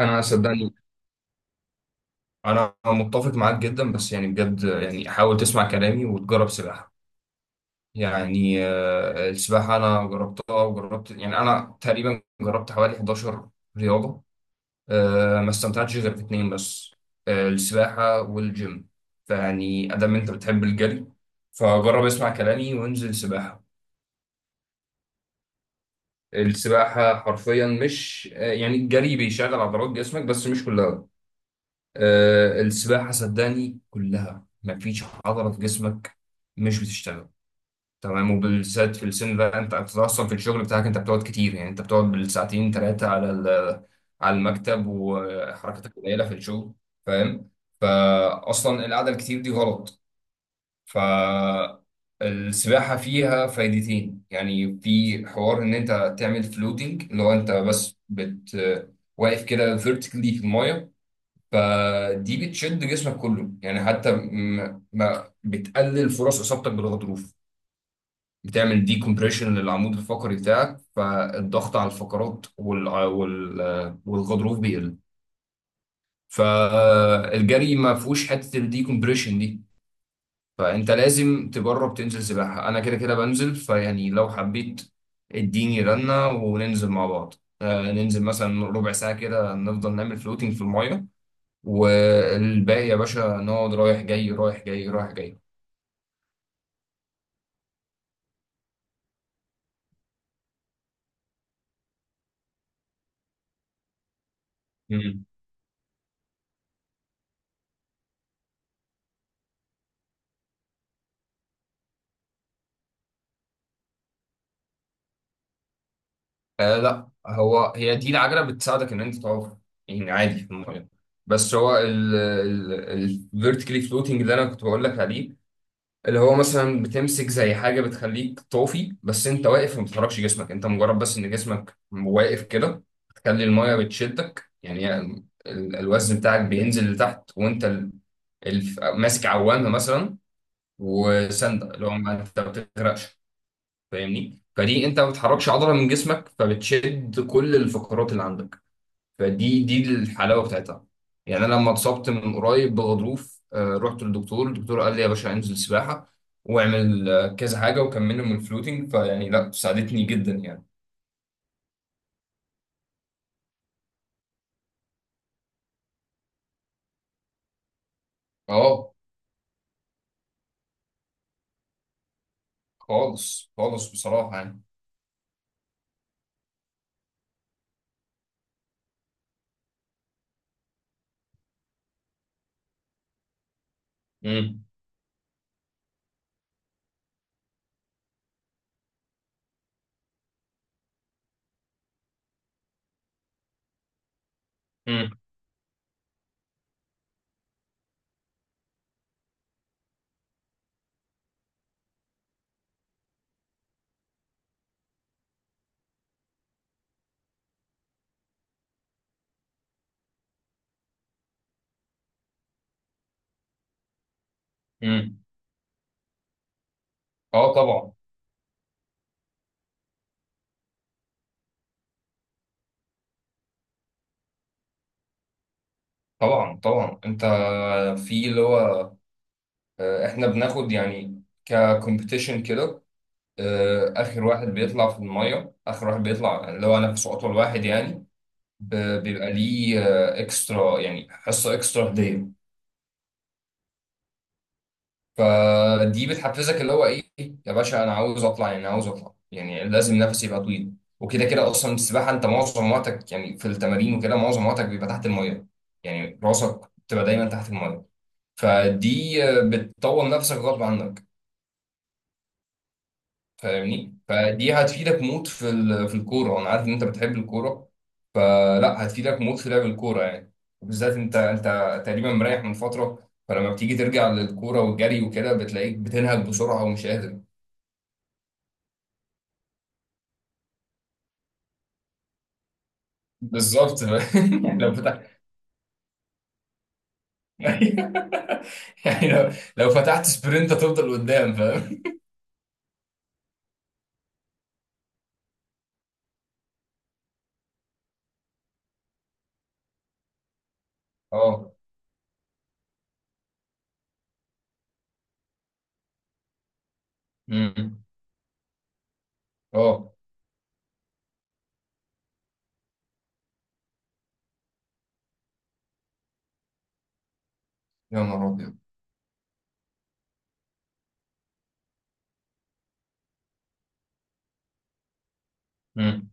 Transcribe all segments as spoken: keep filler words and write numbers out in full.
انا صدقني، انا متفق معاك جدا. بس يعني بجد يعني حاول تسمع كلامي وتجرب سباحه. يعني آه، السباحه انا جربتها وجربت، يعني انا تقريبا جربت حوالي حداشر رياضه. آه، ما استمتعتش غير في اتنين بس، آه، السباحه والجيم. فيعني ادام انت بتحب الجري فجرب اسمع كلامي وانزل سباحه. السباحه حرفيا مش، آه، يعني الجري بيشغل عضلات جسمك بس مش كلها. آه، السباحة صدقني كلها مفيش عضلة في جسمك مش بتشتغل. تمام. وبالذات في السن ده انت، أنت اصلا في الشغل بتاعك انت بتقعد كتير، يعني انت بتقعد بالساعتين ثلاثة على ال- على المكتب وحركتك قليلة في الشغل، فاهم؟ فاصلا القعدة الكتير دي غلط. فالسباحة فيها فايدتين، يعني في حوار ان انت تعمل فلوتنج، اللي هو انت بس بت واقف كده فيرتيكلي في المايه، فدي بتشد جسمك كله. يعني حتى م- ما بتقلل فرص اصابتك بالغضروف، بتعمل دي كومبريشن للعمود الفقري بتاعك، فالضغط على الفقرات وال... وال... والغضروف بيقل. فالجري ما فيهوش حته الدي كومبريشن دي، فانت لازم تجرب تنزل سباحه. انا كده كده بنزل، فيعني لو حبيت اديني رنه وننزل مع بعض. آه، ننزل مثلا ربع ساعه كده، نفضل نعمل فلوتينج في المايه، والباقي يا باشا نقعد رايح جاي رايح جاي رايح جاي. مم. آه لا، هو هي دي العجلة بتساعدك ان انت تقف يعني عادي في المية. بس هو الفيرتيكالي فلوتنج اللي انا كنت بقول لك عليه، اللي هو مثلا بتمسك زي حاجة بتخليك طافي، بس انت واقف وما بتحركش جسمك، انت مجرد بس ان جسمك واقف كده تخلي المية بتشدك يعني. ال- الوزن بتاعك بينزل لتحت، وانت ال- الف- ماسك عوامة مثلا وسندة، اللي هو ما انت ما بتغرقش، فاهمني؟ فدي انت ما بتحركش عضله من جسمك، فبتشد كل الفقرات اللي عندك، فدي دي الحلاوه بتاعتها. يعني انا لما اتصبت من قريب بغضروف آه، رحت للدكتور، الدكتور قال لي يا باشا انزل سباحه واعمل آه، كذا حاجه، وكملنا من الفلوتنج فيعني لا ساعدتني جدا يعني. اه، خالص خالص بصراحه يعني. امم امم امم. اه طبعا. طبعا طبعا انت، في اللي هو، آه، احنا بناخد يعني ككومبيتيشن كده. آه، اخر واحد بيطلع في الميه، اخر واحد بيطلع، اللي هو نفسه اطول واحد يعني. ب- بيبقى ليه اكسترا، يعني حصه اكسترا هديه. فدي بتحفزك اللي هو ايه. يا باشا انا عاوز اطلع، يعني عاوز اطلع، يعني لازم نفسي يبقى طويل. وكده كده اصلا السباحه انت معظم وقتك يعني في التمارين، وكده معظم وقتك بيبقى تحت الميه، يعني راسك بتبقى دايما تحت الميه. فدي آه، بتطور نفسك غصب عنك، فاهمني؟ فدي هتفيدك موت في ال- في الكوره. انا عارف ان انت بتحب الكوره، فلا هتفيدك موت في لعب الكوره يعني. وبالذات انت، انت تقريبا مريح من فتره، فلما بتيجي ترجع للكوره والجري وكده بتلاقيك بتنهج بسرعه ومش قادر. بالظبط. لو فتحت. يعني لو لو فتحت سبرنت هتفضل قدام، فاهم؟ اه. أمم. اه. يا نهار ابيض. أمم.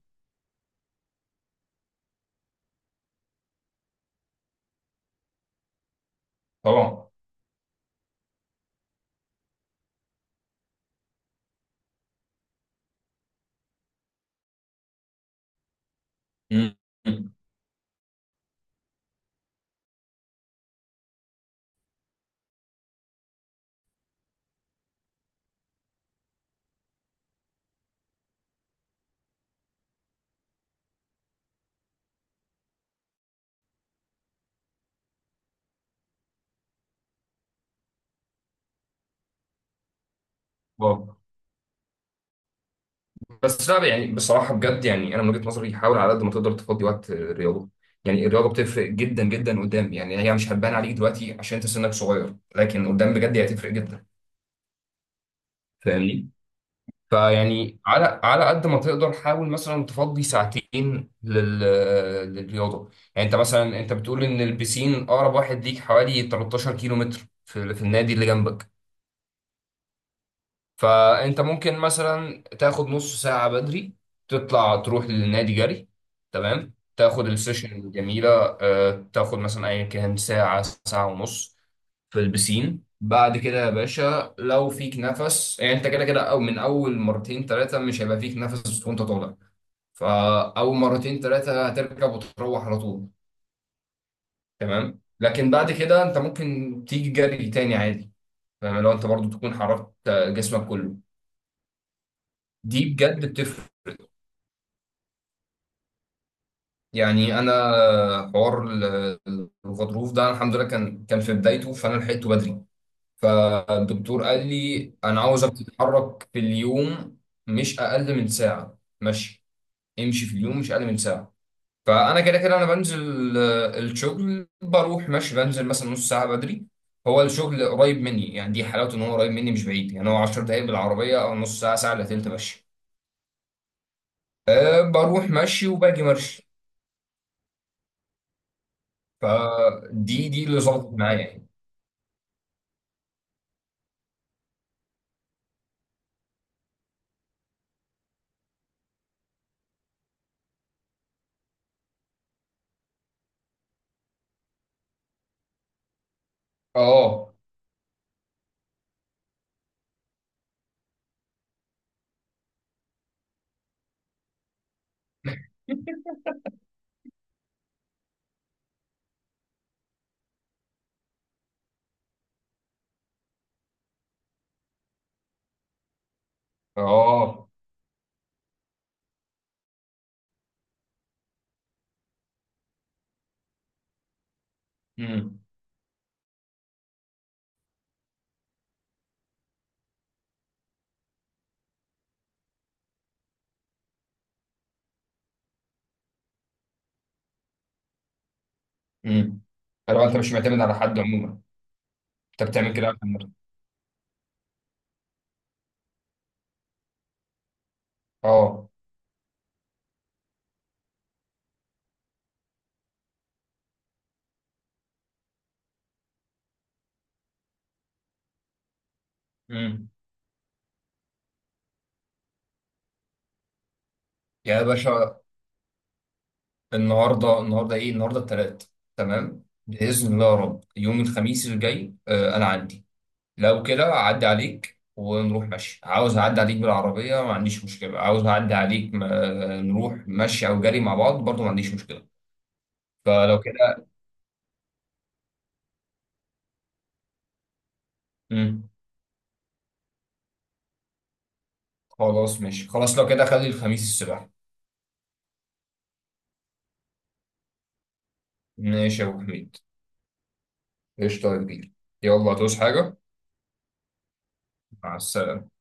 طبعا. أمم. واو. بس لا، يعني بصراحة بجد، يعني أنا من وجهة نظري حاول على قد ما تقدر تفضي وقت الرياضة. يعني الرياضة بتفرق جدا جدا قدام، يعني هي مش هتبان عليك دلوقتي عشان أنت سنك صغير، لكن قدام بجد هي هتفرق جدا. فاهمني؟ فيعني على على قد ما تقدر حاول مثلا تفضي ساعتين لل... للرياضة. يعني أنت مثلا، أنت بتقول إن البسين أقرب واحد ليك حوالي تلتاشر كيلو متر في... في النادي اللي جنبك. فانت ممكن مثلا تاخد نص ساعة بدري، تطلع تروح للنادي جري. تمام، تاخد السيشن الجميلة. آه، تاخد مثلا ايا كان ساعة، ساعة ونص في البسين. بعد كده يا باشا لو فيك نفس. يعني انت كده كده، او من اول مرتين ثلاثة مش هيبقى فيك نفس وانت طالع، فاول مرتين ثلاثة هتركب وتروح على طول. تمام. لكن بعد كده انت ممكن تيجي جري تاني عادي، فاهم؟ لو انت برضو تكون حركت جسمك كله، دي بجد بتفرق. يعني انا حوار ال- الغضروف ده، الحمد لله كان كان في بدايته، فانا لحقته بدري. فالدكتور قال لي انا عاوزك تتحرك في اليوم مش اقل من ساعه مشي، امشي في اليوم مش اقل من ساعه. فانا كده كده انا بنزل آه، الشغل، بروح ماشي، بنزل مثلا نص ساعه بدري. هو الشغل قريب مني، يعني دي حلاوته ان هو قريب مني مش بعيد. يعني هو عشر دقايق بالعربيه، او نص ساعه، ساعه الا تلت مشي. أه بروح مشي وباجي مشي. فدي دي اللي ظبطت معايا. اه. اه. امم. امم. فلو انت مش معتمد على حد عموما، انت بتعمل كده عشان نفسك. اه. امم. يا باشا، النهارده النهارده ايه، النهارده الثلاث. تمام، باذن الله يا رب يوم الخميس الجاي. آه انا عندي. لو كده اعدي عليك ونروح مشي. عاوز اعدي عليك بالعربيه ما عنديش مشكله، عاوز اعدي عليك ما نروح مشي او جري مع بعض برضو ما عنديش مشكله. فلو كده. امم. خلاص ماشي. خلاص لو كده خلي الخميس الصبح. ماشي يا ابو حميد. قشطة يا كبير. يلا، هتعوز حاجة؟ مع السلامة.